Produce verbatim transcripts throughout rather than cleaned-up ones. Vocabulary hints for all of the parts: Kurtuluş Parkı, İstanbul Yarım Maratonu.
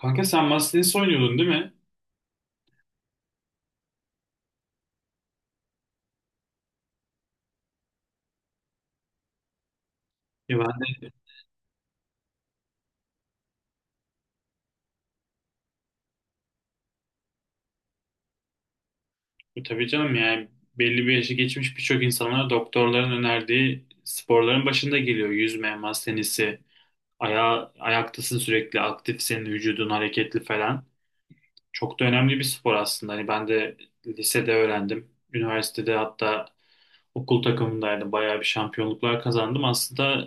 Kanka sen masa tenisi oynuyordun değil mi? Ya ben de tabii canım yani belli bir yaşı geçmiş birçok insanlar doktorların önerdiği sporların başında geliyor. Yüzme, masa tenisi, aya, ayaktasın sürekli aktifsin, vücudun hareketli falan. Çok da önemli bir spor aslında. Hani ben de lisede öğrendim. Üniversitede hatta okul takımındaydım. Bayağı bir şampiyonluklar kazandım. Aslında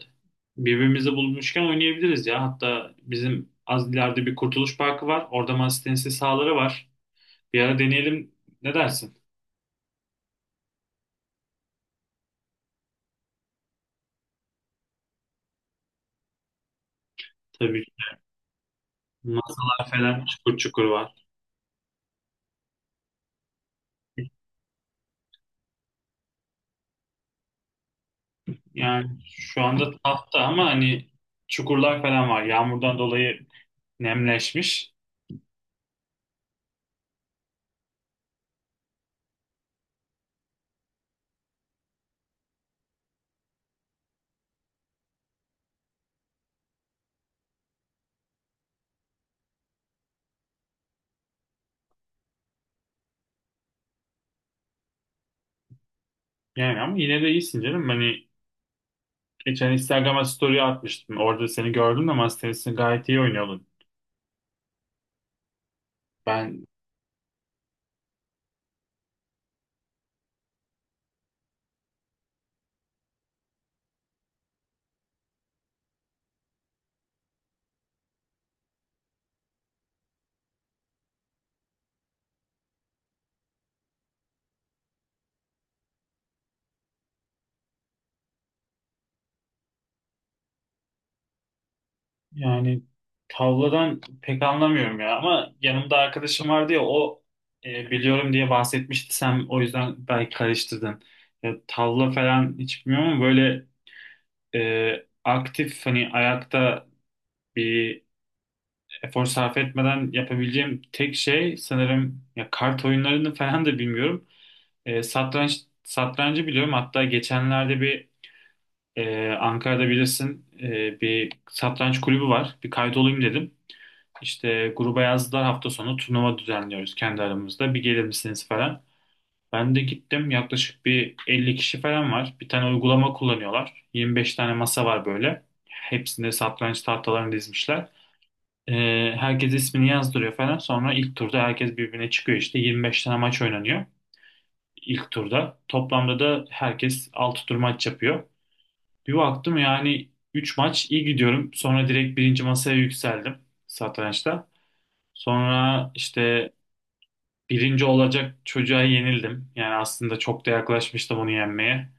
birbirimizi bulmuşken oynayabiliriz ya. Hatta bizim az ileride bir Kurtuluş Parkı var. Orada masa tenisi sahaları var. Bir ara deneyelim. Ne dersin? Tabii masalar falan çukur çukur var. Yani şu anda tahta ama hani çukurlar falan var. Yağmurdan dolayı nemleşmiş. Yani ama yine de iyisin canım. Hani geçen Instagram'a story atmıştım. Orada seni gördüm de ama tenisini gayet iyi oynuyordun. Ben yani tavladan pek anlamıyorum ya. Ama yanımda arkadaşım vardı ya o e, biliyorum diye bahsetmişti. Sen o yüzden belki karıştırdın. Ya, tavla falan hiç bilmiyorum ama böyle e, aktif hani ayakta bir efor sarf etmeden yapabileceğim tek şey sanırım ya kart oyunlarını falan da bilmiyorum. E, satranç satrancı biliyorum. Hatta geçenlerde bir e, Ankara'da bilirsin e, bir satranç kulübü var. Bir kaydolayım dedim. İşte gruba yazdılar hafta sonu turnuva düzenliyoruz kendi aramızda. Bir gelir misiniz falan. Ben de gittim yaklaşık bir elli kişi falan var. Bir tane uygulama kullanıyorlar. yirmi beş tane masa var böyle. Hepsinde satranç tahtalarını dizmişler. Ee, Herkes ismini yazdırıyor falan. Sonra ilk turda herkes birbirine çıkıyor işte. yirmi beş tane maç oynanıyor ilk turda. Toplamda da herkes altı tur maç yapıyor. Bir baktım yani üç maç iyi gidiyorum. Sonra direkt birinci masaya yükseldim satrançta. Sonra işte birinci olacak çocuğa yenildim. Yani aslında çok da yaklaşmıştım onu yenmeye.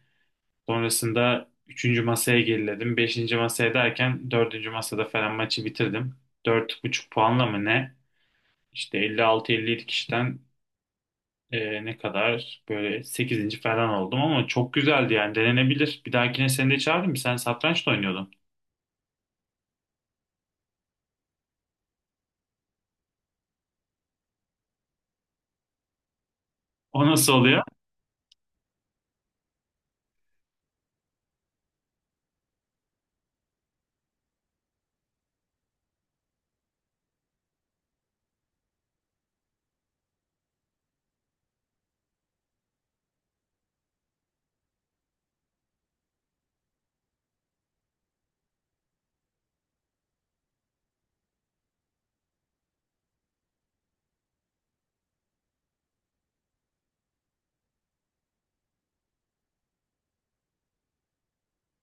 Sonrasında üçüncü masaya geriledim. Beşinci masaya derken dördüncü masada falan maçı bitirdim. Dört buçuk puanla mı ne? İşte elli altı elli yedi kişiden e, ne kadar böyle sekizinci falan oldum ama çok güzeldi yani denenebilir. Bir dahakine seni de çağırdım. Sen satranç da oynuyordun. O nasıl oluyor?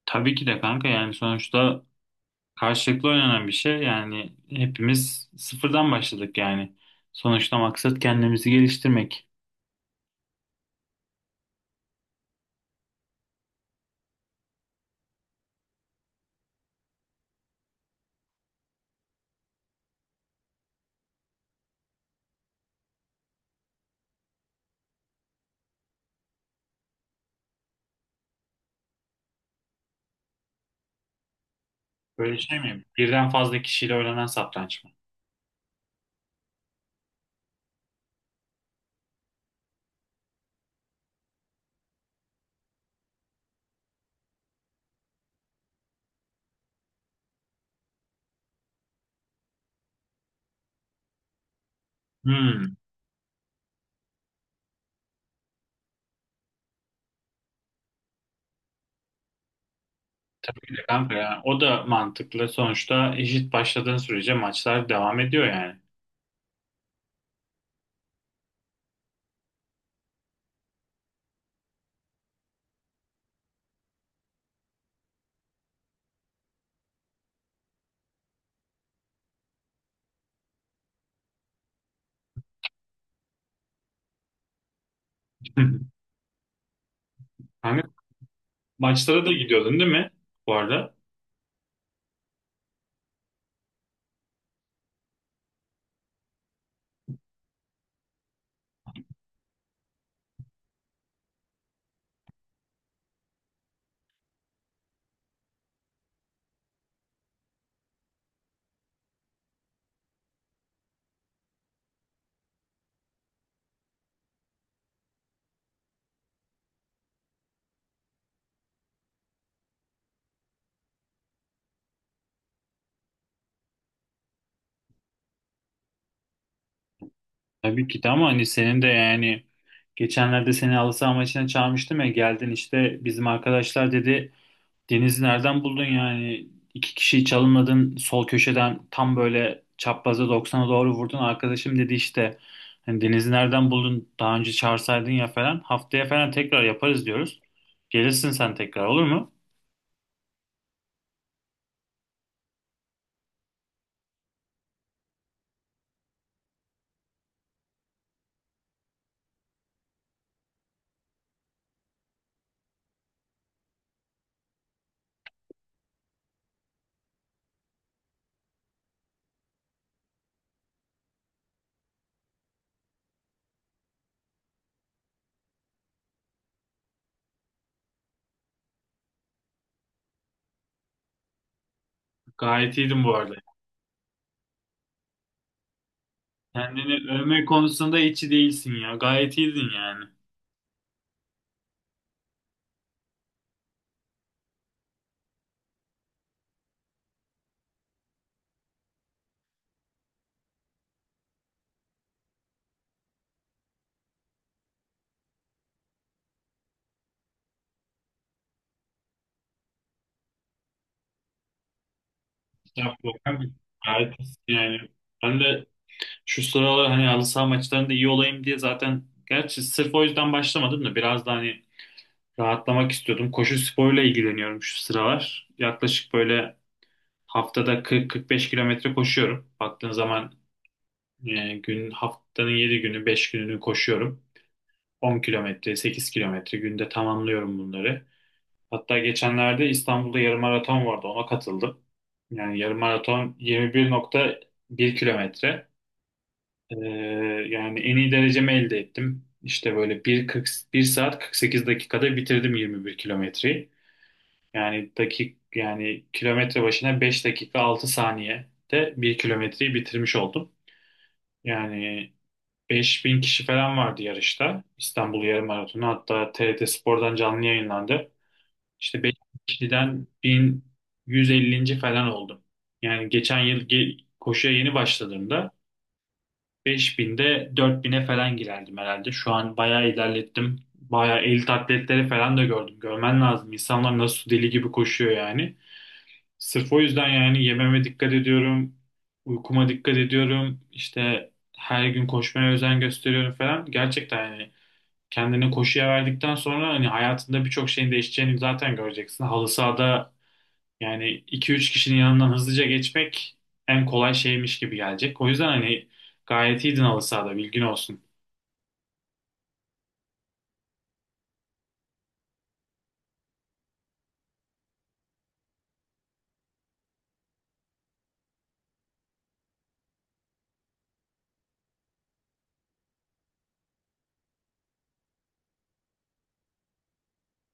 Tabii ki de kanka yani sonuçta karşılıklı oynanan bir şey. Yani hepimiz sıfırdan başladık yani. Sonuçta maksat kendimizi geliştirmek. Böyle şey mi? Birden fazla kişiyle oynanan satranç mı? Hmm. Tabii ki de kanka ya. O da mantıklı. Sonuçta eşit başladığın sürece maçlar devam ediyor yani. Hani maçlara da gidiyordun değil mi bu arada? Tabii ki de ama hani senin de yani geçenlerde seni halı saha maçına çağırmıştım ya geldin işte bizim arkadaşlar dedi Deniz nereden buldun yani? İki kişiyi çalımladın sol köşeden tam böyle çapraza doksana doğru vurdun. Arkadaşım dedi işte hani Deniz'i nereden buldun? Daha önce çağırsaydın ya falan. Haftaya falan tekrar yaparız diyoruz. Gelirsin sen tekrar olur mu? Gayet iyiydin bu arada. Kendini övme konusunda içi değilsin ya. Gayet iyiydin yani. Estağfurullah abi. Gayet iyisin yani. Ben de şu sıralar hani halı saha maçlarında iyi olayım diye zaten gerçi sırf o yüzden başlamadım da biraz da hani rahatlamak istiyordum. Koşu sporuyla ilgileniyorum şu sıralar. Yaklaşık böyle haftada kırk kırk beş kilometre koşuyorum. Baktığın zaman e, gün haftanın yedi günü beş gününü koşuyorum. on kilometre, sekiz kilometre günde tamamlıyorum bunları. Hatta geçenlerde İstanbul'da yarım maraton vardı. Ona katıldım. Yani yarım maraton yirmi bir nokta bir kilometre. Ee, Yani en iyi derecemi elde ettim. İşte böyle bir, kırk, bir saat kırk sekiz dakikada bitirdim yirmi bir kilometreyi. Yani dakik yani kilometre başına beş dakika altı saniyede bir kilometreyi bitirmiş oldum. Yani beş bin kişi falan vardı yarışta. İstanbul Yarım Maratonu hatta TRT Spor'dan canlı yayınlandı. İşte beş bin kişiden bin yüz ellinci. falan oldum. Yani geçen yıl ge- koşuya yeni başladığımda beş binde dört bin'e falan girerdim herhalde. Şu an bayağı ilerlettim. Bayağı elit atletleri falan da gördüm. Görmen lazım. İnsanlar nasıl deli gibi koşuyor yani. Sırf o yüzden yani yememe dikkat ediyorum, uykuma dikkat ediyorum, işte her gün koşmaya özen gösteriyorum falan. Gerçekten yani kendini koşuya verdikten sonra hani hayatında birçok şeyin değişeceğini zaten göreceksin. Halı sahada yani iki üç kişinin yanından hızlıca geçmek en kolay şeymiş gibi gelecek. O yüzden hani gayet iyiydin halı sahada bilgin olsun.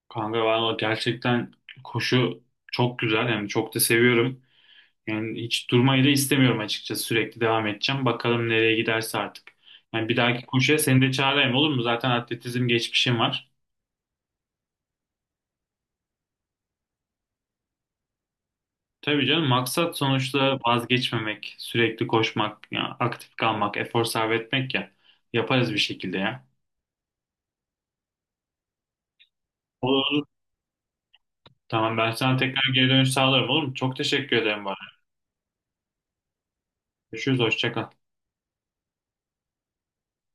Kanka valla gerçekten koşu çok güzel yani çok da seviyorum. Yani hiç durmayı da istemiyorum açıkçası. Sürekli devam edeceğim. Bakalım nereye giderse artık. Yani bir dahaki koşuya seni de çağırayım olur mu? Zaten atletizm geçmişim var. Tabii canım maksat sonuçta vazgeçmemek, sürekli koşmak, ya aktif kalmak, efor sarf etmek ya. Yaparız bir şekilde ya. Olur olur. Tamam ben sana tekrar geri dönüş sağlarım olur mu? Çok teşekkür ederim bana. Görüşürüz hoşça kal.